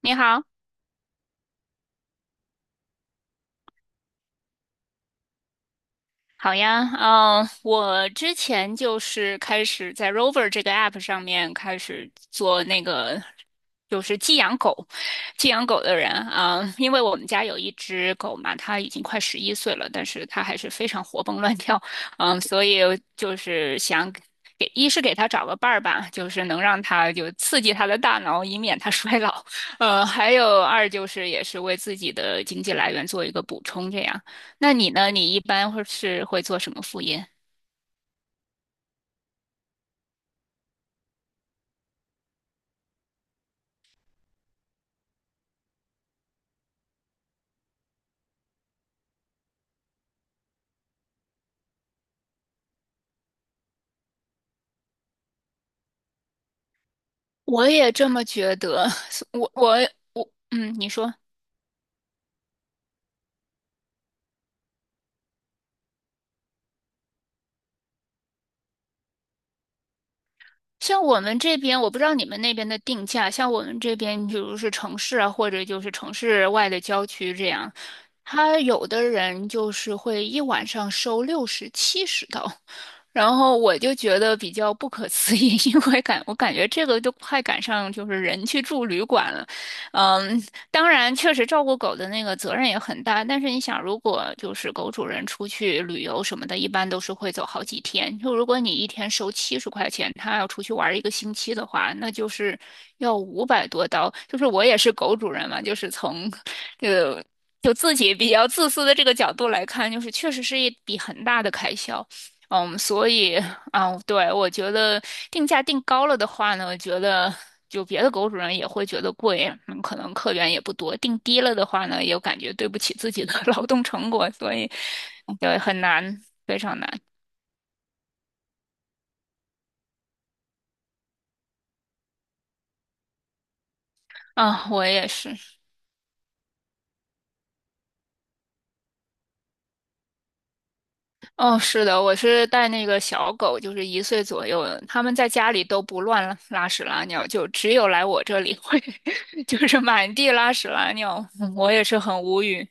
你好，好呀。嗯，我之前就是开始在 Rover 这个 app 上面开始做那个，就是寄养狗的人啊，因为我们家有一只狗嘛，它已经快11岁了，但是它还是非常活蹦乱跳。嗯，所以就是想给，一是给它找个伴儿吧，就是能让它就刺激它的大脑，以免它衰老。还有二就是也是为自己的经济来源做一个补充，这样。那你呢？你一般会是会做什么副业？我也这么觉得。我我我，你说。像我们这边，我不知道你们那边的定价，像我们这边，比如是城市啊，或者就是城市外的郊区这样，他有的人就是会一晚上收60、70刀，然后我就觉得比较不可思议，因为我感觉这个都快赶上就是人去住旅馆了。嗯，当然，确实照顾狗的那个责任也很大，但是你想，如果就是狗主人出去旅游什么的，一般都是会走好几天。就如果你一天收70块钱，他要出去玩一个星期的话，那就是要500多刀。就是我也是狗主人嘛，就是从呃，就自己比较自私的这个角度来看，就是确实是一笔很大的开销。嗯，所以啊，对，我觉得定价定高了的话呢，我觉得就别的狗主人也会觉得贵。嗯，可能客源也不多。定低了的话呢，也感觉对不起自己的 劳动成果，所以对，很难，非常难。啊，我也是。哦，是的，我是带那个小狗，就是1岁左右的，他们在家里都不乱拉屎拉尿，就只有来我这里会，就是满地拉屎拉尿。嗯我也是很无语。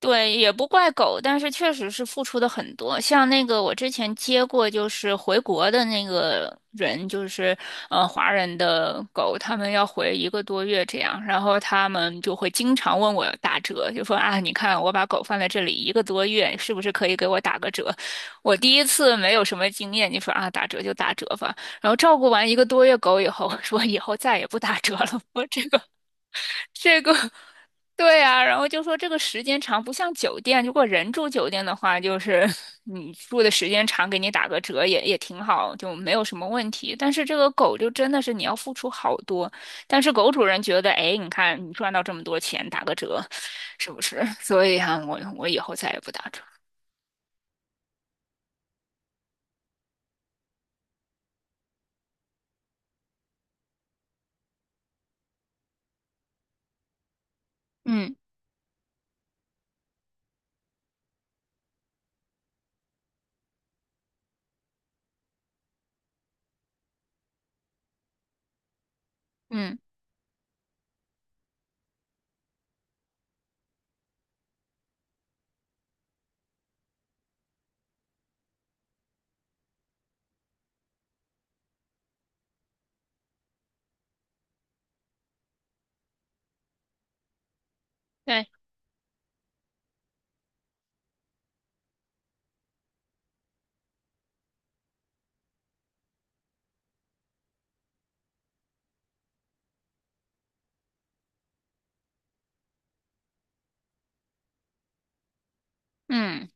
对，也不怪狗，但是确实是付出的很多。像那个我之前接过，就是回国的那个人，就是华人的狗，他们要回一个多月这样，然后他们就会经常问我打折，就说啊，你看我把狗放在这里一个多月，是不是可以给我打个折？我第一次没有什么经验，你说啊，打折就打折吧。然后照顾完一个多月狗以后，我说以后再也不打折了，我这个这个，对啊，然后就说这个时间长不像酒店，如果人住酒店的话，就是 你住的时间长，给你打个折也挺好，就没有什么问题。但是这个狗就真的是你要付出好多，但是狗主人觉得，哎，你看你赚到这么多钱，打个折，是不是？所以啊，我以后再也不打折。嗯嗯，对，嗯，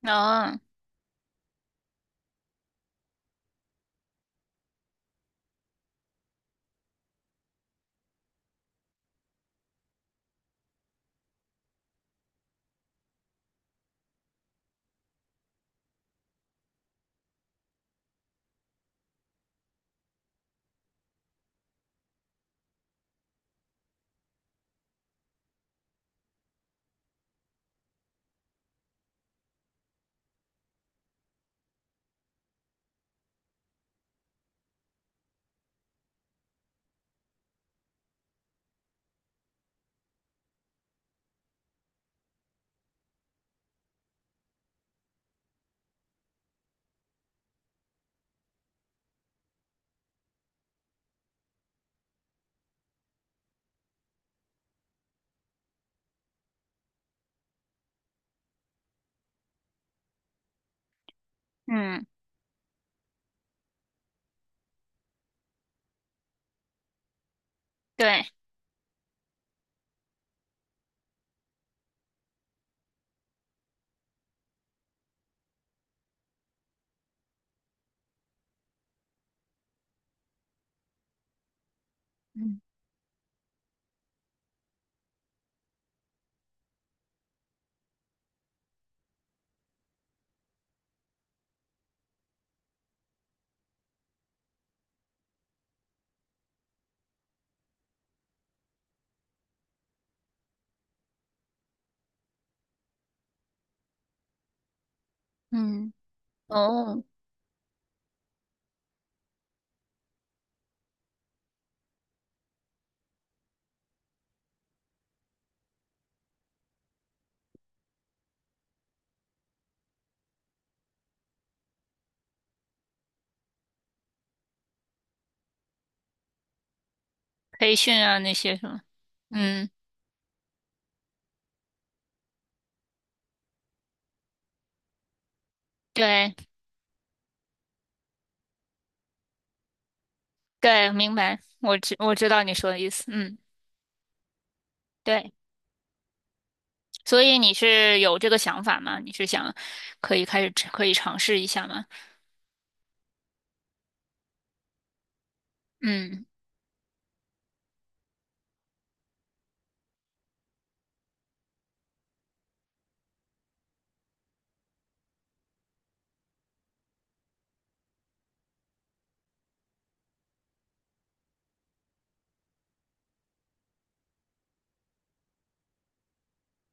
能，嗯，对，嗯嗯，哦，培训啊那些什么，嗯，对。对，明白，我知道你说的意思。嗯，对，所以你是有这个想法吗？你是想可以开始可以尝试一下吗？嗯，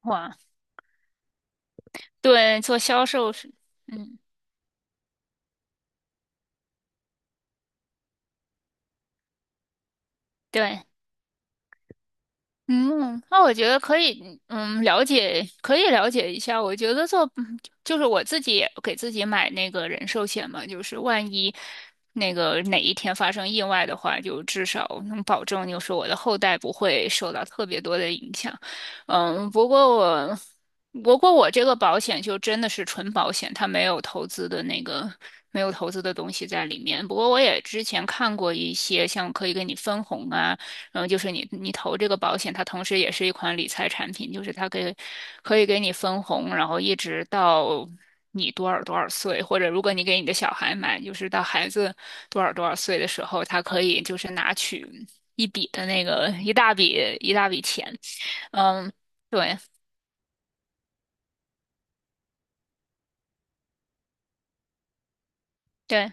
哇，对，做销售是。嗯，对。嗯，那我觉得可以，了解，可以了解一下。我觉得做，就是我自己也给自己买那个人寿险嘛，就是万一那个哪一天发生意外的话，就至少能保证，就是我的后代不会受到特别多的影响。嗯，不过我这个保险就真的是纯保险，它没有投资的那个。没有投资的东西在里面，不过我也之前看过一些像可以给你分红啊。嗯，就是你投这个保险，它同时也是一款理财产品，就是它可以给你分红，然后一直到你多少多少岁，或者如果你给你的小孩买，就是到孩子多少多少岁的时候，它可以就是拿取一笔的那个一大笔一大笔钱。嗯，对对，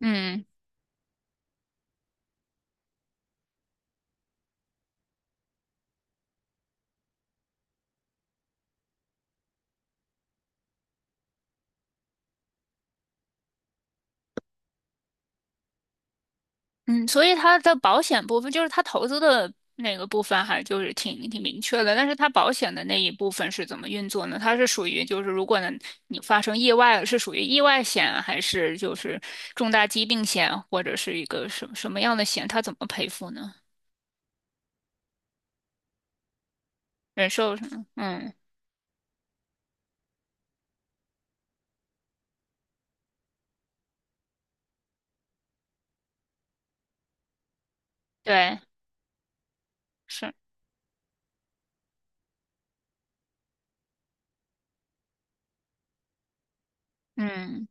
嗯。嗯，所以它的保险部分就是它投资的那个部分，还就是挺明确的。但是它保险的那一部分是怎么运作呢？它是属于就是如果呢你发生意外了，是属于意外险啊还是就是重大疾病险，或者是一个什么什么样的险？它怎么赔付呢？人寿什么？嗯，对，是，嗯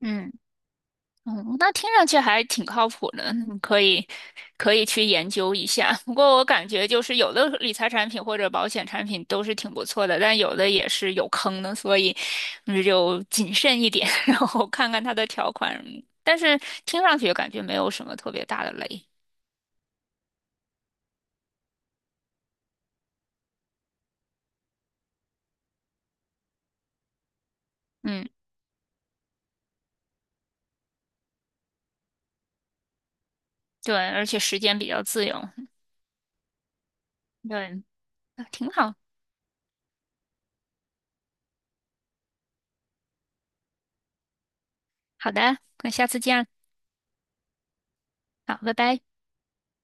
嗯。嗯，那听上去还挺靠谱的，你可以去研究一下。不过我感觉就是有的理财产品或者保险产品都是挺不错的，但有的也是有坑的，所以就谨慎一点。然后看看它的条款。但是听上去感觉没有什么特别大的雷。嗯，对，而且时间比较自由，对，挺好。好的，那下次见，好，拜拜。